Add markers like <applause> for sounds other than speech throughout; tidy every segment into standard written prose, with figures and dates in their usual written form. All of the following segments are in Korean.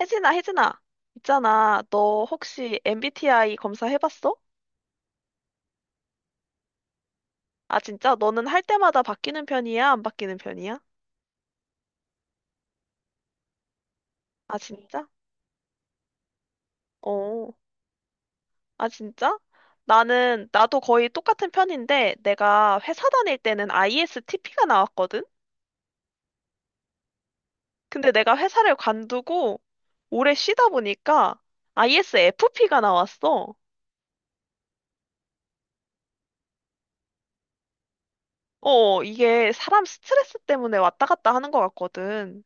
혜진아, 혜진아. 있잖아. 너 혹시 MBTI 검사 해봤어? 아, 진짜? 너는 할 때마다 바뀌는 편이야? 안 바뀌는 편이야? 아, 진짜? 어. 아, 진짜? 나도 거의 똑같은 편인데, 내가 회사 다닐 때는 ISTP가 나왔거든? 근데 내가 회사를 관두고 오래 쉬다 보니까 ISFP가 나왔어. 어, 이게 사람 스트레스 때문에 왔다 갔다 하는 것 같거든.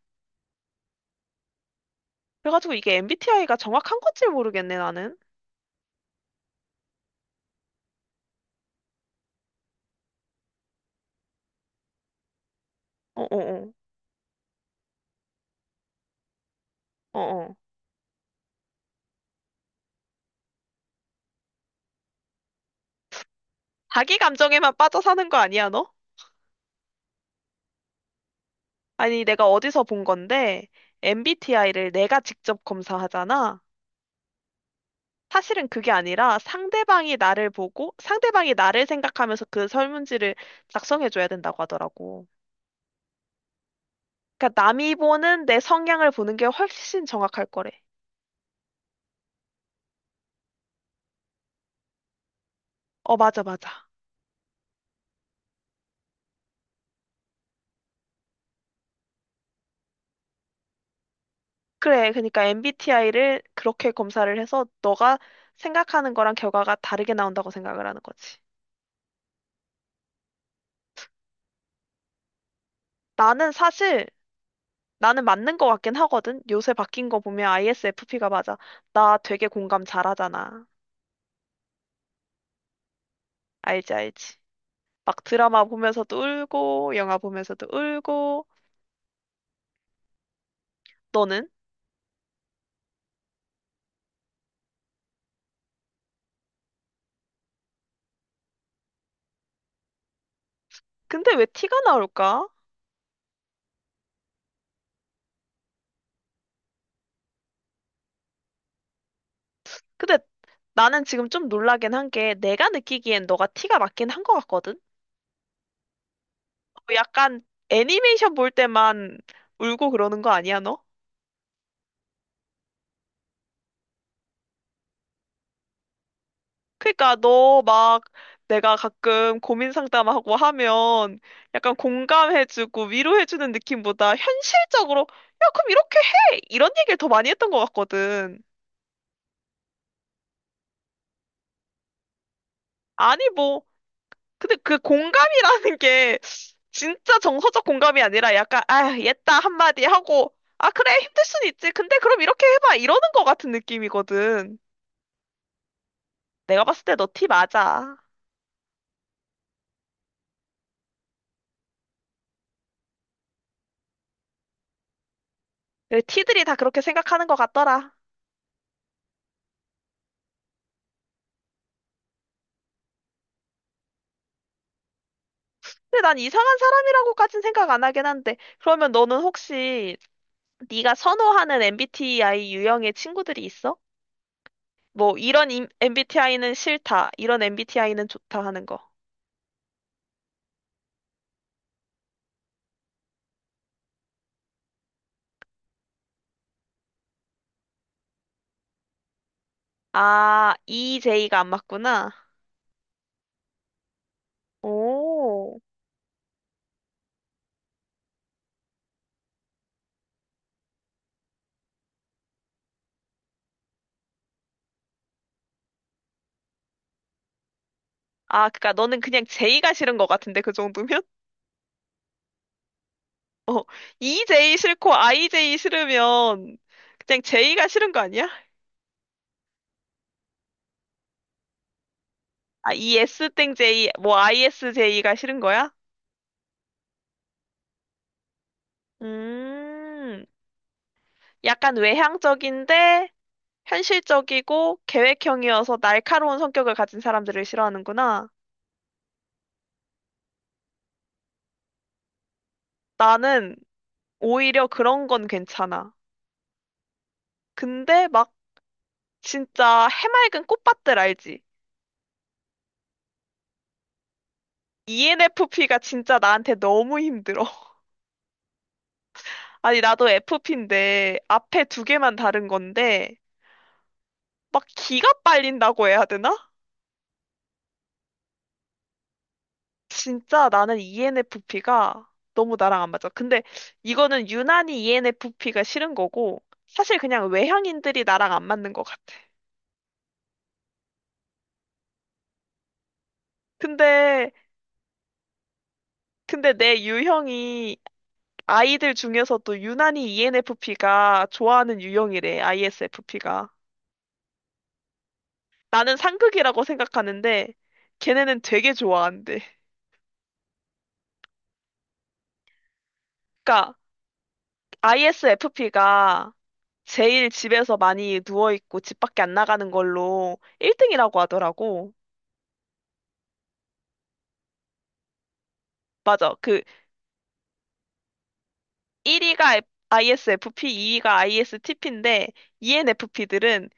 그래가지고 이게 MBTI가 정확한 건지 모르겠네, 나는. 어어어. 어, 어. 자기 감정에만 빠져 사는 거 아니야, 너? 아니, 내가 어디서 본 건데, MBTI를 내가 직접 검사하잖아. 사실은 그게 아니라 상대방이 나를 보고, 상대방이 나를 생각하면서 그 설문지를 작성해줘야 된다고 하더라고. 그러니까 남이 보는 내 성향을 보는 게 훨씬 정확할 거래. 어, 맞아, 맞아. 그래, 그러니까 MBTI를 그렇게 검사를 해서 너가 생각하는 거랑 결과가 다르게 나온다고 생각을 하는 거지. 나는 사실 나는 맞는 거 같긴 하거든. 요새 바뀐 거 보면 ISFP가 맞아. 나 되게 공감 잘하잖아. 알지, 알지. 막 드라마 보면서도 울고, 영화 보면서도 울고. 너는? 근데 왜 티가 나올까? 근데 나는 지금 좀 놀라긴 한 게 내가 느끼기엔 너가 티가 맞긴 한 거 같거든? 어, 약간 애니메이션 볼 때만 울고 그러는 거 아니야, 너? 그러니까 너 막 내가 가끔 고민 상담하고 하면 약간 공감해주고 위로해주는 느낌보다 현실적으로 야, 그럼 이렇게 해! 이런 얘기를 더 많이 했던 것 같거든. 아니 뭐 근데 그 공감이라는 게 진짜 정서적 공감이 아니라 약간 아, 얘다 한마디 하고 아, 그래 힘들 순 있지. 근데 그럼 이렇게 해봐. 이러는 것 같은 느낌이거든. 내가 봤을 때 너 티 맞아. 그 티들이 다 그렇게 생각하는 것 같더라. 근데 난 이상한 사람이라고까진 생각 안 하긴 한데, 그러면 너는 혹시 네가 선호하는 MBTI 유형의 친구들이 있어? 뭐, 이런 MBTI는 싫다, 이런 MBTI는 좋다 하는 거. 아, EJ가 안 맞구나. 오. 아, 그니까 너는 그냥 J가 싫은 것 같은데, 그 정도면? <laughs> 어, EJ 싫고 IJ 싫으면 그냥 J가 싫은 거 아니야? 아, ES 땡 J, 뭐 ISJ가 싫은 거야? 음. 약간 외향적인데 현실적이고 계획형이어서 날카로운 성격을 가진 사람들을 싫어하는구나. 나는 오히려 그런 건 괜찮아. 근데 막 진짜 해맑은 꽃밭들 알지? ENFP가 진짜 나한테 너무 힘들어. <laughs> 아니, 나도 FP인데 앞에 두 개만 다른 건데 막 기가 빨린다고 해야 되나? 진짜 나는 ENFP가 너무 나랑 안 맞아. 근데 이거는 유난히 ENFP가 싫은 거고, 사실 그냥 외향인들이 나랑 안 맞는 것 같아. 근데, 근데, 내 유형이 아이들 중에서도 유난히 ENFP가 좋아하는 유형이래, ISFP가. 나는 상극이라고 생각하는데, 걔네는 되게 좋아한대. 그러니까 ISFP가 제일 집에서 많이 누워있고 집 밖에 안 나가는 걸로 1등이라고 하더라고. 맞아. 그 1위가 ISFP, 2위가 ISTP인데 ENFP들은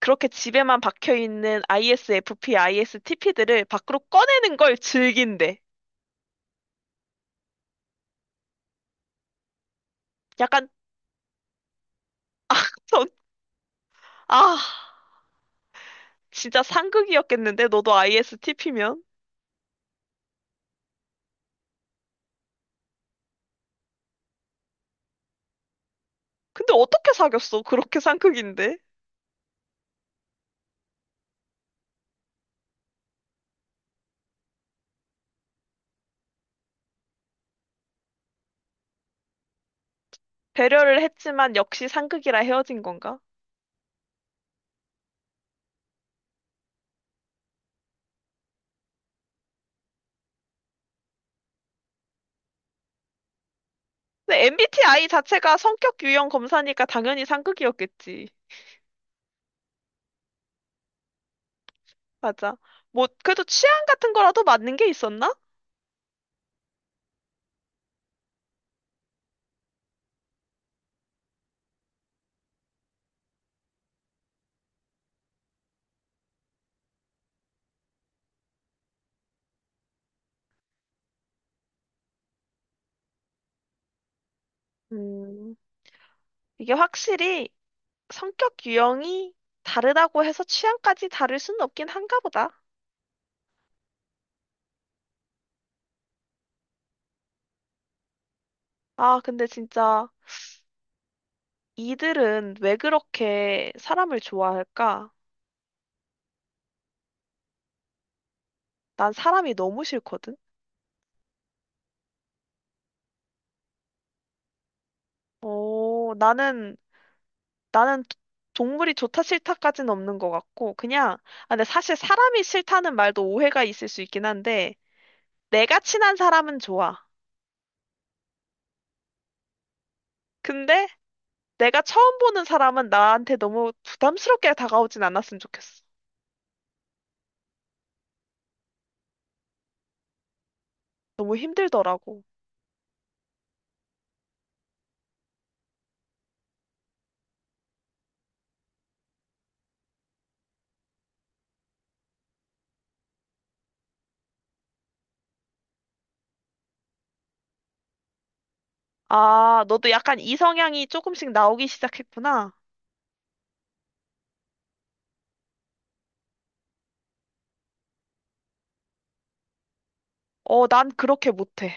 그렇게 집에만 박혀 있는 ISFP, ISTP들을 밖으로 꺼내는 걸 즐긴대. 약간 전- 아, 진짜 상극이었겠는데 너도 ISTP면? 근데 어떻게 사귀었어? 그렇게 상극인데. 배려를 했지만 역시 상극이라 헤어진 건가? 근데 MBTI 자체가 성격 유형 검사니까 당연히 상극이었겠지. 맞아. 뭐 그래도 취향 같은 거라도 맞는 게 있었나? 음. 이게 확실히 성격 유형이 다르다고 해서 취향까지 다를 수는 없긴 한가 보다. 아, 근데 진짜 이들은 왜 그렇게 사람을 좋아할까? 난 사람이 너무 싫거든. 어, 나는 동물이 좋다 싫다까지는 없는 것 같고 그냥 아, 근데 사실 사람이 싫다는 말도 오해가 있을 수 있긴 한데 내가 친한 사람은 좋아. 근데 내가 처음 보는 사람은 나한테 너무 부담스럽게 다가오진 않았으면 좋겠어. 너무 힘들더라고. 아, 너도 약간 이성향이 조금씩 나오기 시작했구나. 어, 난 그렇게 못해.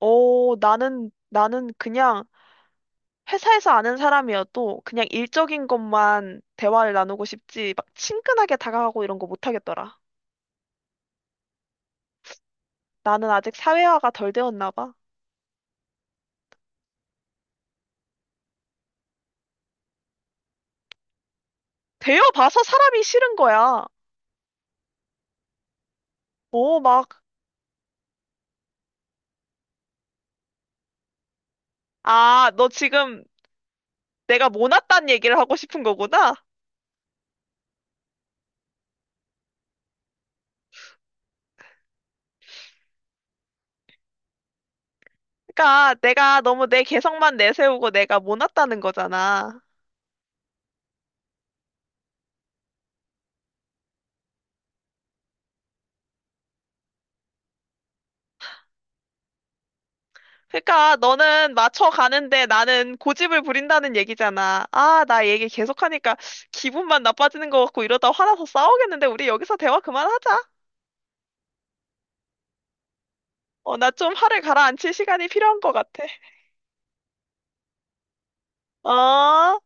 어, 나는 그냥 회사에서 아는 사람이어도 그냥 일적인 것만 대화를 나누고 싶지, 막 친근하게 다가가고 이런 거 못하겠더라. 나는 아직 사회화가 덜 되었나 봐. 되어봐서 사람이 싫은 거야. 어, 막, 아, 너 지금 내가 모났단 얘기를 하고 싶은 거구나? 그러니까 내가 너무 내 개성만 내세우고 내가 모났다는 거잖아. 그러니까 너는 맞춰가는데 나는 고집을 부린다는 얘기잖아. 아, 나 얘기 계속하니까 기분만 나빠지는 것 같고 이러다 화나서 싸우겠는데 우리 여기서 대화 그만하자. 어, 나 좀 화를 가라앉힐 시간이 필요한 것 같아. 어?